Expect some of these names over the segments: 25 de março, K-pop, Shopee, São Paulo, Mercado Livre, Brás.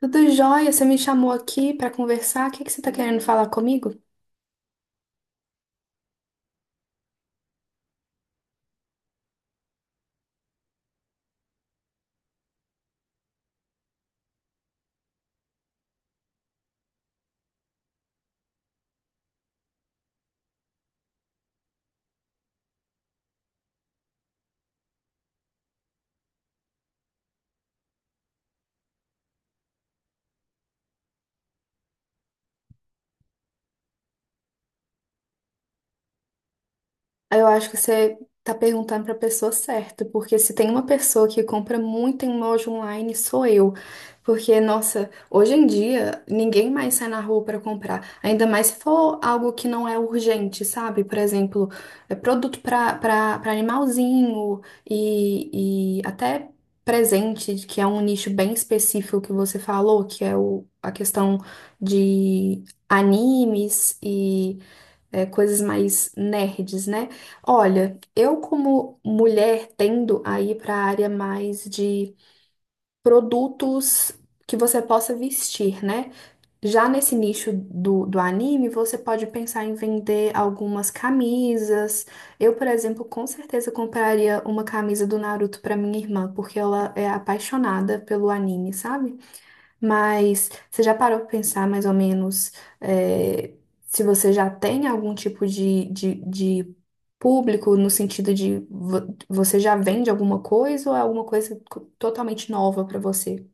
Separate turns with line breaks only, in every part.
Tudo jóia, você me chamou aqui para conversar. O que que você está querendo falar comigo? Eu acho que você tá perguntando para a pessoa certa, porque se tem uma pessoa que compra muito em loja online, sou eu. Porque, nossa, hoje em dia ninguém mais sai na rua para comprar, ainda mais se for algo que não é urgente, sabe? Por exemplo, é produto para animalzinho e até presente, que é um nicho bem específico que você falou, que é o, a questão de animes e coisas mais nerds, né? Olha, eu como mulher tendo a ir para a área mais de produtos que você possa vestir, né? Já nesse nicho do anime, você pode pensar em vender algumas camisas. Eu, por exemplo, com certeza compraria uma camisa do Naruto para minha irmã, porque ela é apaixonada pelo anime, sabe? Mas você já parou para pensar mais ou menos é, se você já tem algum tipo de público no sentido de você já vende alguma coisa ou é alguma coisa totalmente nova para você?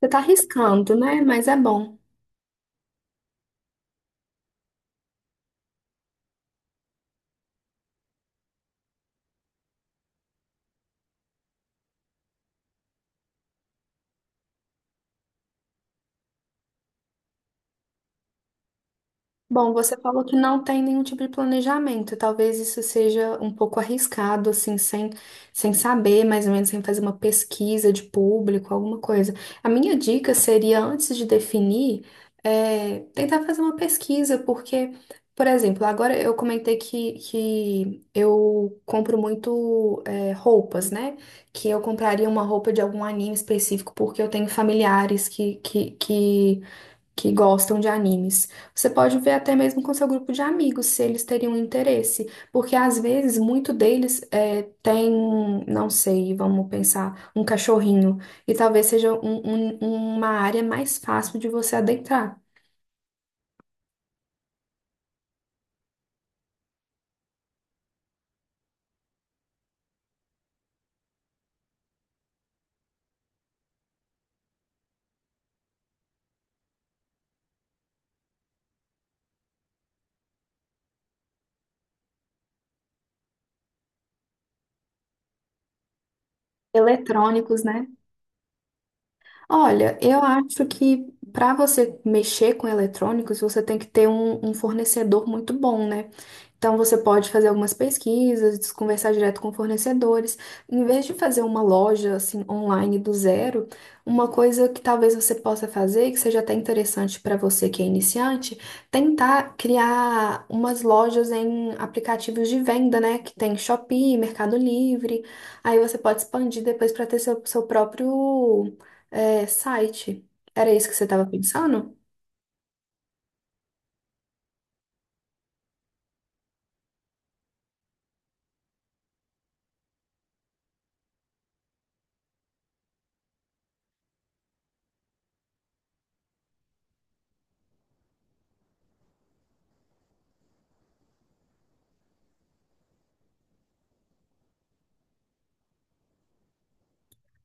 Você tá arriscando, né? Mas é bom. Bom, você falou que não tem nenhum tipo de planejamento. Talvez isso seja um pouco arriscado, assim, sem saber, mais ou menos, sem fazer uma pesquisa de público, alguma coisa. A minha dica seria, antes de definir, tentar fazer uma pesquisa, porque, por exemplo, agora eu comentei que eu compro muito, roupas, né? Que eu compraria uma roupa de algum anime específico, porque eu tenho familiares que que gostam de animes. Você pode ver até mesmo com seu grupo de amigos se eles teriam interesse, porque às vezes muito deles tem, não sei, vamos pensar, um cachorrinho, e talvez seja uma área mais fácil de você adentrar. Eletrônicos, né? Olha, eu acho que para você mexer com eletrônicos, você tem que ter um fornecedor muito bom, né? Então, você pode fazer algumas pesquisas, conversar direto com fornecedores. Em vez de fazer uma loja assim online do zero, uma coisa que talvez você possa fazer, que seja até interessante para você que é iniciante, tentar criar umas lojas em aplicativos de venda, né? Que tem Shopee, Mercado Livre. Aí você pode expandir depois para ter seu próprio, site. Era isso que você estava pensando?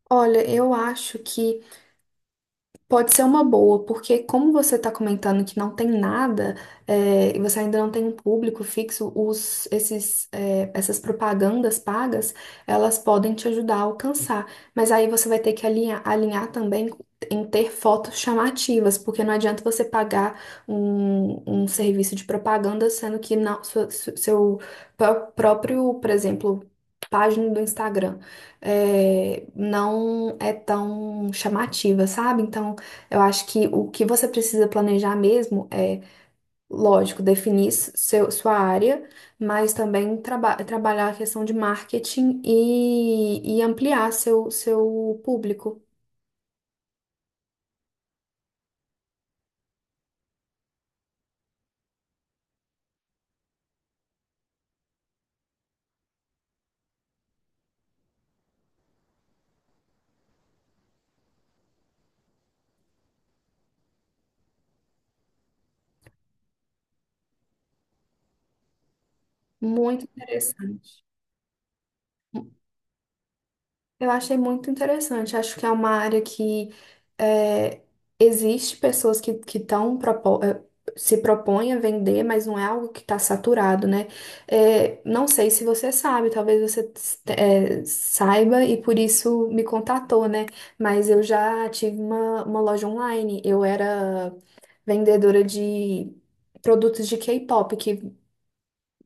Olha, eu acho que pode ser uma boa, porque como você está comentando que não tem nada, é, e você ainda não tem um público fixo, essas propagandas pagas, elas podem te ajudar a alcançar. Mas aí você vai ter que alinhar também em ter fotos chamativas, porque não adianta você pagar um serviço de propaganda, sendo que não, seu próprio, por exemplo, página do Instagram não é tão chamativa, sabe? Então eu acho que o que você precisa planejar mesmo lógico, definir sua área, mas também trabalhar a questão de marketing e ampliar seu público. Muito interessante. Eu achei muito interessante. Acho que é uma área que é, existe pessoas que estão se propõem a vender, mas não é algo que está saturado, né? É, não sei se você sabe, talvez você saiba e por isso me contatou, né? Mas eu já tive uma loja online. Eu era vendedora de produtos de K-pop, que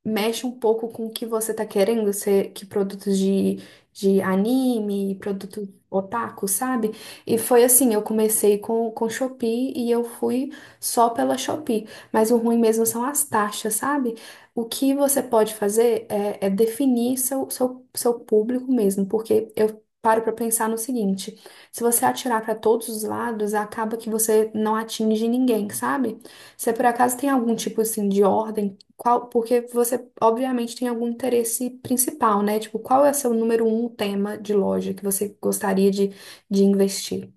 mexe um pouco com o que você tá querendo, ser, que produtos de anime, produtos otaku, sabe? E foi assim, eu comecei com Shopee e eu fui só pela Shopee. Mas o ruim mesmo são as taxas, sabe? O que você pode fazer é definir seu público mesmo, porque eu paro pra pensar no seguinte, se você atirar pra todos os lados, acaba que você não atinge ninguém, sabe? Se por acaso tem algum tipo assim de ordem qual, porque você, obviamente, tem algum interesse principal, né? Tipo, qual é o seu número um tema de loja que você gostaria de investir?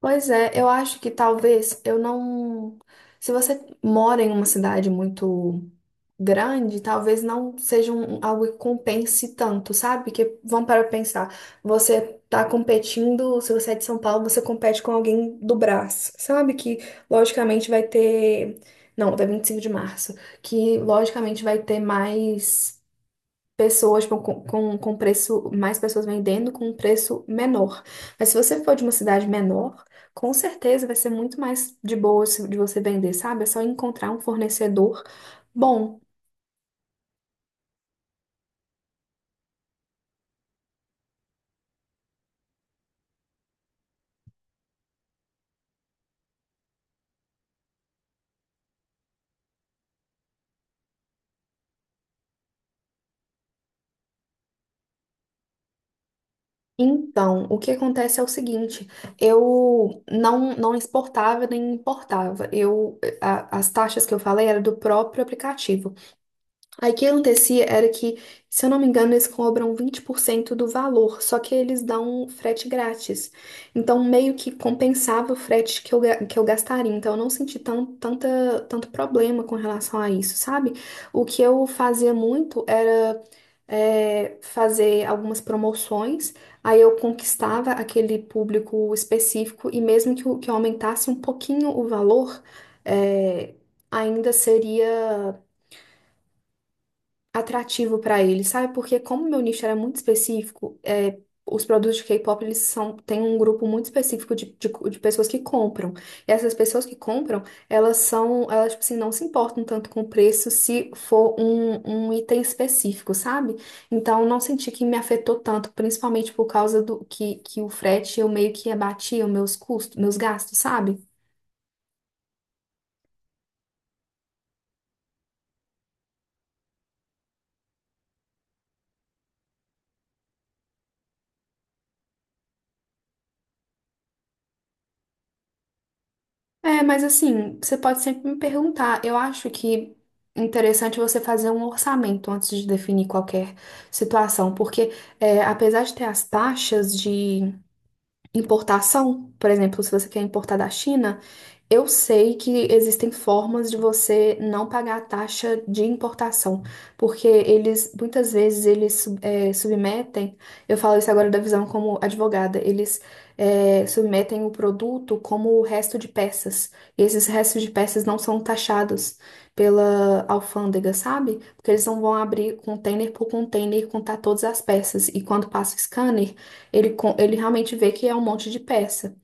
Pois é, eu acho que talvez eu não. Se você mora em uma cidade muito grande, talvez não seja um, algo que compense tanto, sabe? Porque vamos para pensar, você tá competindo, se você é de São Paulo, você compete com alguém do Brás, sabe? Que logicamente vai ter, não, da 25 de março, que logicamente vai ter mais pessoas tipo, com preço, mais pessoas vendendo com um preço menor. Mas se você for de uma cidade menor, com certeza vai ser muito mais de boa de você vender, sabe? É só encontrar um fornecedor. Bom, então, o que acontece é o seguinte, eu não, não exportava nem importava. Eu, as taxas que eu falei eram do próprio aplicativo. Aí o que acontecia era que, se eu não me engano, eles cobram 20% do valor, só que eles dão frete grátis. Então, meio que compensava o frete que que eu gastaria. Então, eu não senti tanto problema com relação a isso, sabe? O que eu fazia muito era fazer algumas promoções, aí eu conquistava aquele público específico e mesmo que eu aumentasse um pouquinho o valor, é, ainda seria atrativo pra ele, sabe? Porque como meu nicho era muito específico, é, os produtos de K-pop, eles são, têm um grupo muito específico de pessoas que compram. E essas pessoas que compram, elas, tipo assim, não se importam tanto com o preço se for um item específico, sabe? Então, não senti que me afetou tanto, principalmente por causa do que o frete, eu meio que abatia os meus custos, meus gastos, sabe? É, mas assim, você pode sempre me perguntar. Eu acho que interessante você fazer um orçamento antes de definir qualquer situação, porque apesar de ter as taxas de importação, por exemplo, se você quer importar da China, eu sei que existem formas de você não pagar a taxa de importação, porque eles, muitas vezes, submetem, eu falo isso agora da visão como advogada, submetem o produto como o resto de peças, e esses restos de peças não são taxados pela alfândega, sabe? Porque eles não vão abrir container por container e contar todas as peças, e quando passa o scanner, ele, ele realmente vê que é um monte de peça.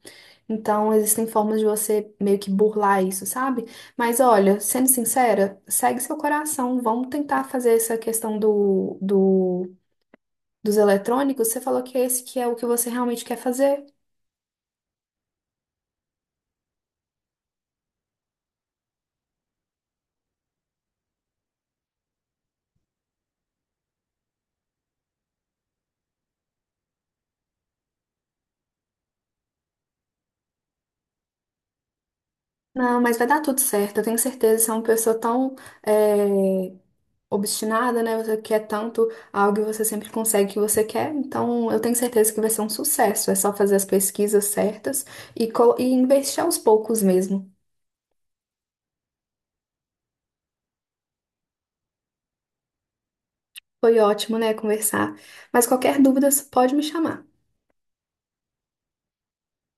Então, existem formas de você meio que burlar isso, sabe? Mas olha, sendo sincera, segue seu coração. Vamos tentar fazer essa questão dos eletrônicos. Você falou que esse que é o que você realmente quer fazer. Não, mas vai dar tudo certo. Eu tenho certeza. Você é uma pessoa tão, é, obstinada, né? Você quer tanto algo e você sempre consegue o que você quer. Então, eu tenho certeza que vai ser um sucesso. É só fazer as pesquisas certas e investir aos poucos mesmo. Foi ótimo, né, conversar. Mas qualquer dúvida, pode me chamar.